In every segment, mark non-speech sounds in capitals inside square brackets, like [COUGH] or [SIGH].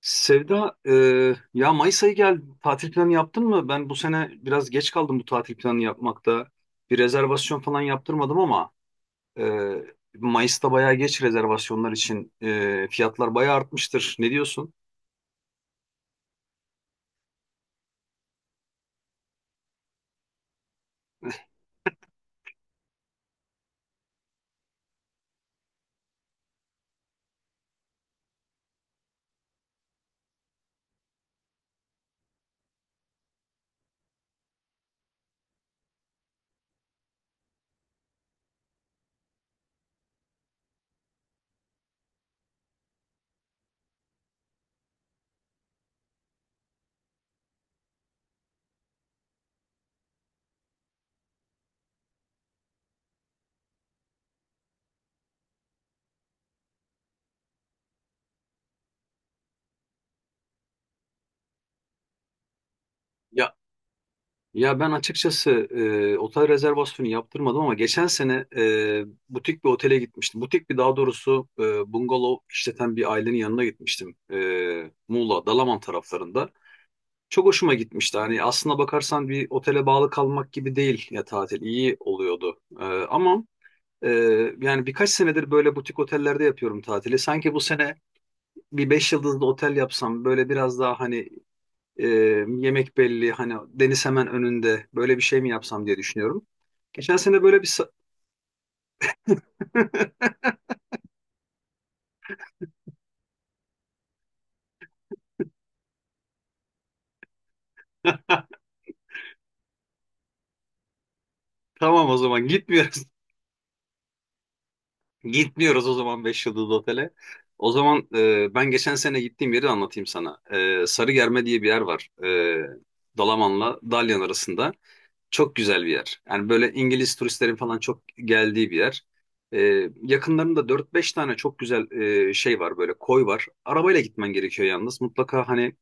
Sevda, ya Mayıs ayı geldi. Tatil planı yaptın mı? Ben bu sene biraz geç kaldım bu tatil planı yapmakta. Bir rezervasyon falan yaptırmadım ama e, Mayıs'ta bayağı geç rezervasyonlar için fiyatlar bayağı artmıştır. Ne diyorsun? Ya ya ben açıkçası otel rezervasyonu yaptırmadım ama geçen sene butik bir otele gitmiştim. Butik bir daha doğrusu bungalov işleten bir ailenin yanına gitmiştim. Muğla, Dalaman taraflarında. Çok hoşuma gitmişti. Hani aslına bakarsan bir otele bağlı kalmak gibi değil ya tatil. İyi oluyordu. Ama e, yani birkaç senedir böyle butik otellerde yapıyorum tatili. Sanki bu sene bir beş yıldızlı otel yapsam böyle biraz daha hani e, yemek belli hani deniz hemen önünde böyle bir şey mi yapsam diye düşünüyorum. Geçen sene böyle bir sa- [LAUGHS] Tamam, o zaman gitmiyoruz. Gitmiyoruz o zaman 5 yıldızlı otele. O zaman ben geçen sene gittiğim yeri anlatayım sana. Sarıgerme diye bir yer var. Dalaman'la Dalyan arasında. Çok güzel bir yer. Yani böyle İngiliz turistlerin falan çok geldiği bir yer. E, Yakınlarında dört beş tane çok güzel şey var böyle koy var. Arabayla gitmen gerekiyor yalnız. Mutlaka hani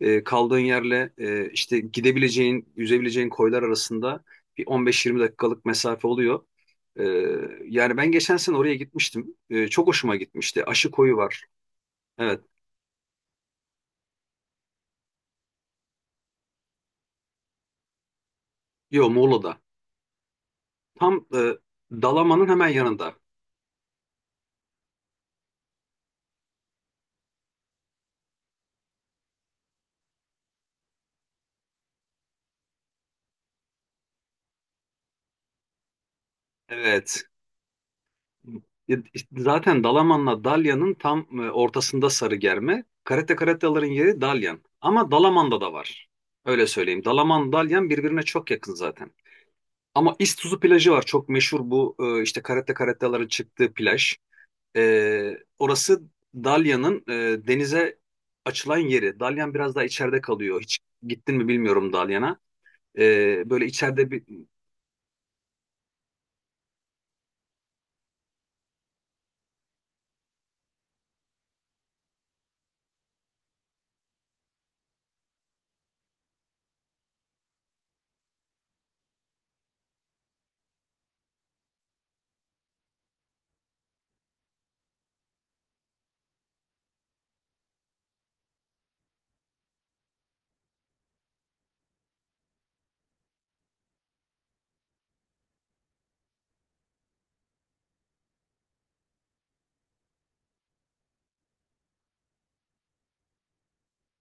kaldığın yerle işte gidebileceğin, yüzebileceğin koylar arasında bir 15-20 dakikalık mesafe oluyor. E, Yani ben geçen sene oraya gitmiştim. Çok hoşuma gitmişti. Aşı koyu var. Evet. Yo, Muğla'da. Tam Dalaman'ın hemen yanında. Evet. E, Zaten Dalaman'la Dalyan'ın tam ortasında Sarıgerme. Karate karataların yeri Dalyan. Ama Dalaman'da da var. Öyle söyleyeyim. Dalaman, Dalyan birbirine çok yakın zaten. Ama İztuzu plajı var, çok meşhur, bu işte karate karatellerin çıktığı plaj. Orası Dalyan'ın denize açılan yeri. Dalyan biraz daha içeride kalıyor. Hiç gittin mi bilmiyorum Dalyan'a. E, böyle içeride bir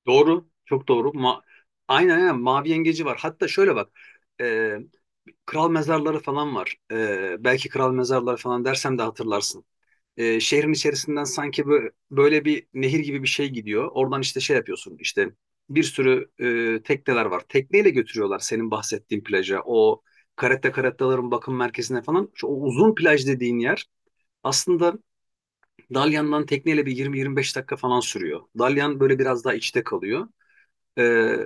Doğru, çok doğru. Aynen, aynen, mavi yengeci var. Hatta şöyle bak, e, kral mezarları falan var. Belki kral mezarları falan dersem de hatırlarsın. Şehrin içerisinden sanki böyle, böyle bir nehir gibi bir şey gidiyor. Oradan işte şey yapıyorsun, işte bir sürü tekneler var. Tekneyle götürüyorlar senin bahsettiğin plaja. O karette karettaların bakım merkezine falan. Şu, o uzun plaj dediğin yer aslında Dalyan'dan tekneyle bir 20-25 dakika falan sürüyor. Dalyan böyle biraz daha içte kalıyor. Ee,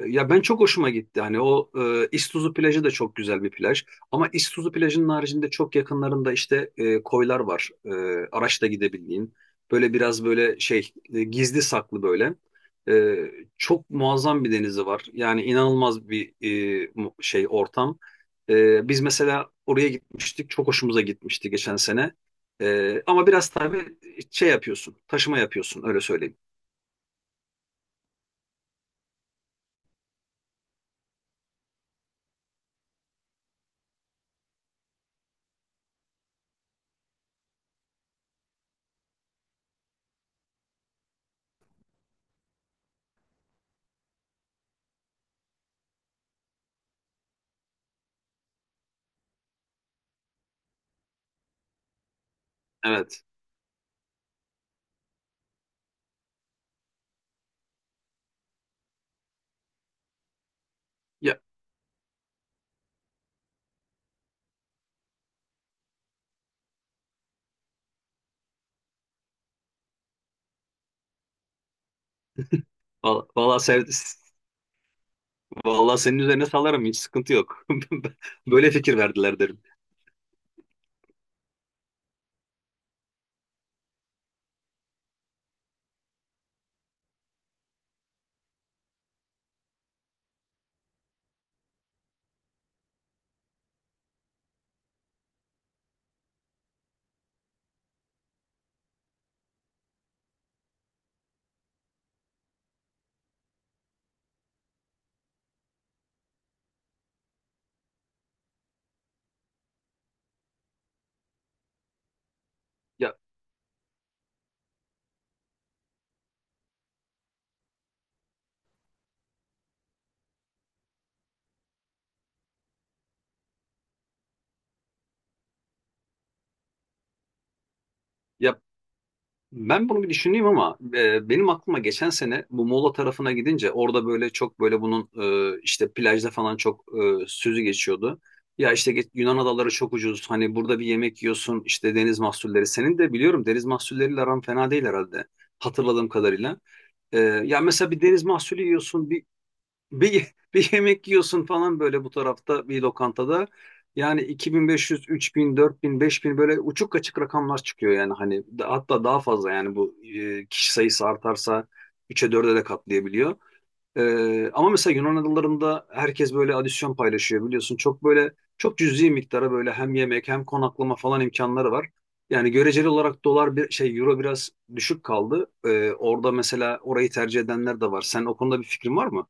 Ya ben çok hoşuma gitti. Hani o İztuzu plajı da çok güzel bir plaj. Ama İztuzu plajının haricinde çok yakınlarında işte koylar var. Araçla gidebildiğin. Böyle biraz böyle şey, gizli saklı böyle. E, Çok muazzam bir denizi var. Yani inanılmaz bir şey ortam. Biz mesela oraya gitmiştik. Çok hoşumuza gitmişti geçen sene. Ama biraz tabii şey yapıyorsun. Taşıma yapıyorsun, öyle söyleyeyim. Evet. Ya, valla, valla sevdim. Vallahi senin üzerine salarım, hiç sıkıntı yok. [LAUGHS] Böyle fikir verdiler derim. Ya, ya, ben bunu bir düşüneyim ama benim aklıma geçen sene bu Muğla tarafına gidince orada böyle çok böyle bunun işte plajda falan çok sözü geçiyordu. Ya işte Yunan adaları çok ucuz. Hani burada bir yemek yiyorsun, işte deniz mahsulleri. Senin de biliyorum deniz mahsulleriyle aran fena değil herhalde. Hatırladığım kadarıyla. E, Ya mesela bir deniz mahsulü yiyorsun, [LAUGHS] bir yemek yiyorsun falan böyle bu tarafta bir lokantada. Yani 2500, 3000, 4000, 5000, böyle uçuk kaçık rakamlar çıkıyor yani, hani hatta daha fazla yani, bu kişi sayısı artarsa üçe 4'e de katlayabiliyor. Ama mesela Yunan adalarında herkes böyle adisyon paylaşıyor biliyorsun. Çok böyle, çok cüzi miktara, böyle hem yemek hem konaklama falan imkanları var. Yani göreceli olarak dolar bir şey, euro biraz düşük kaldı. Orada mesela orayı tercih edenler de var. Sen o konuda bir fikrin var mı?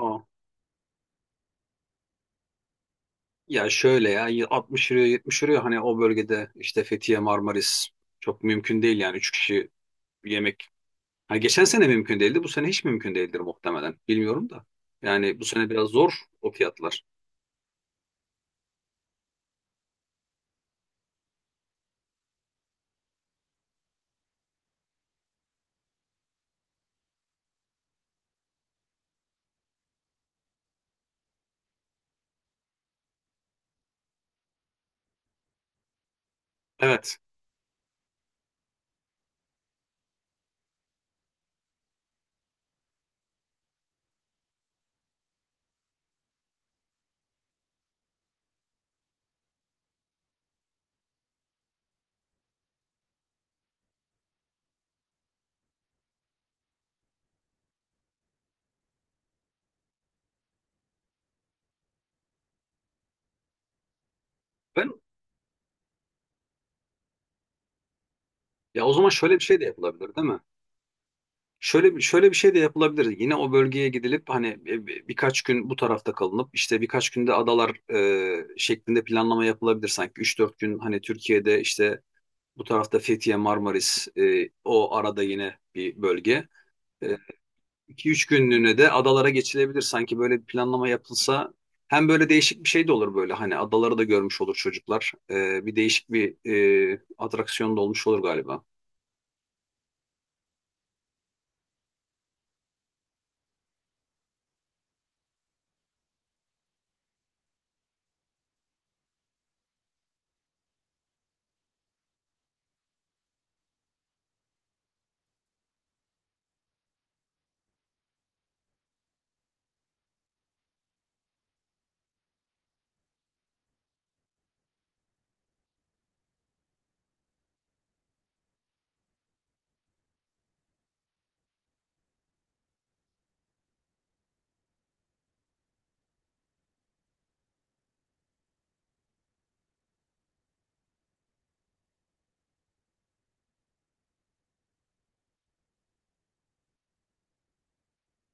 Aa. Ya şöyle, ya 60 euro, 70 euro, hani o bölgede işte Fethiye, Marmaris, çok mümkün değil yani 3 kişi yemek. Hani geçen sene mümkün değildi, bu sene hiç mümkün değildir muhtemelen, bilmiyorum da. Yani bu sene biraz zor o fiyatlar. Evet. ben Ya o zaman şöyle bir şey de yapılabilir değil mi? Şöyle bir şey de yapılabilir. Yine o bölgeye gidilip hani birkaç gün bu tarafta kalınıp, işte birkaç günde adalar şeklinde planlama yapılabilir sanki. Üç dört gün hani Türkiye'de, işte bu tarafta Fethiye, Marmaris, o arada yine bir bölge. 2 üç günlüğüne de adalara geçilebilir. Sanki böyle bir planlama yapılsa hem böyle değişik bir şey de olur, böyle hani adaları da görmüş olur çocuklar. Bir değişik bir atraksiyon da olmuş olur galiba.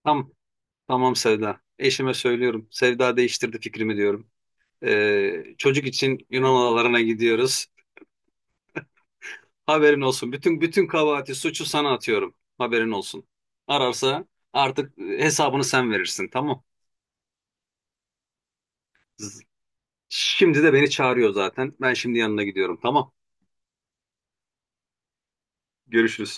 Tamam, tamam Sevda. Eşime söylüyorum. Sevda değiştirdi fikrimi diyorum. Çocuk için Yunan adalarına gidiyoruz. Haberin olsun. Bütün bütün kabahati, suçu sana atıyorum. Haberin olsun. Ararsa artık hesabını sen verirsin. Tamam. Şimdi de beni çağırıyor zaten. Ben şimdi yanına gidiyorum. Tamam. Görüşürüz.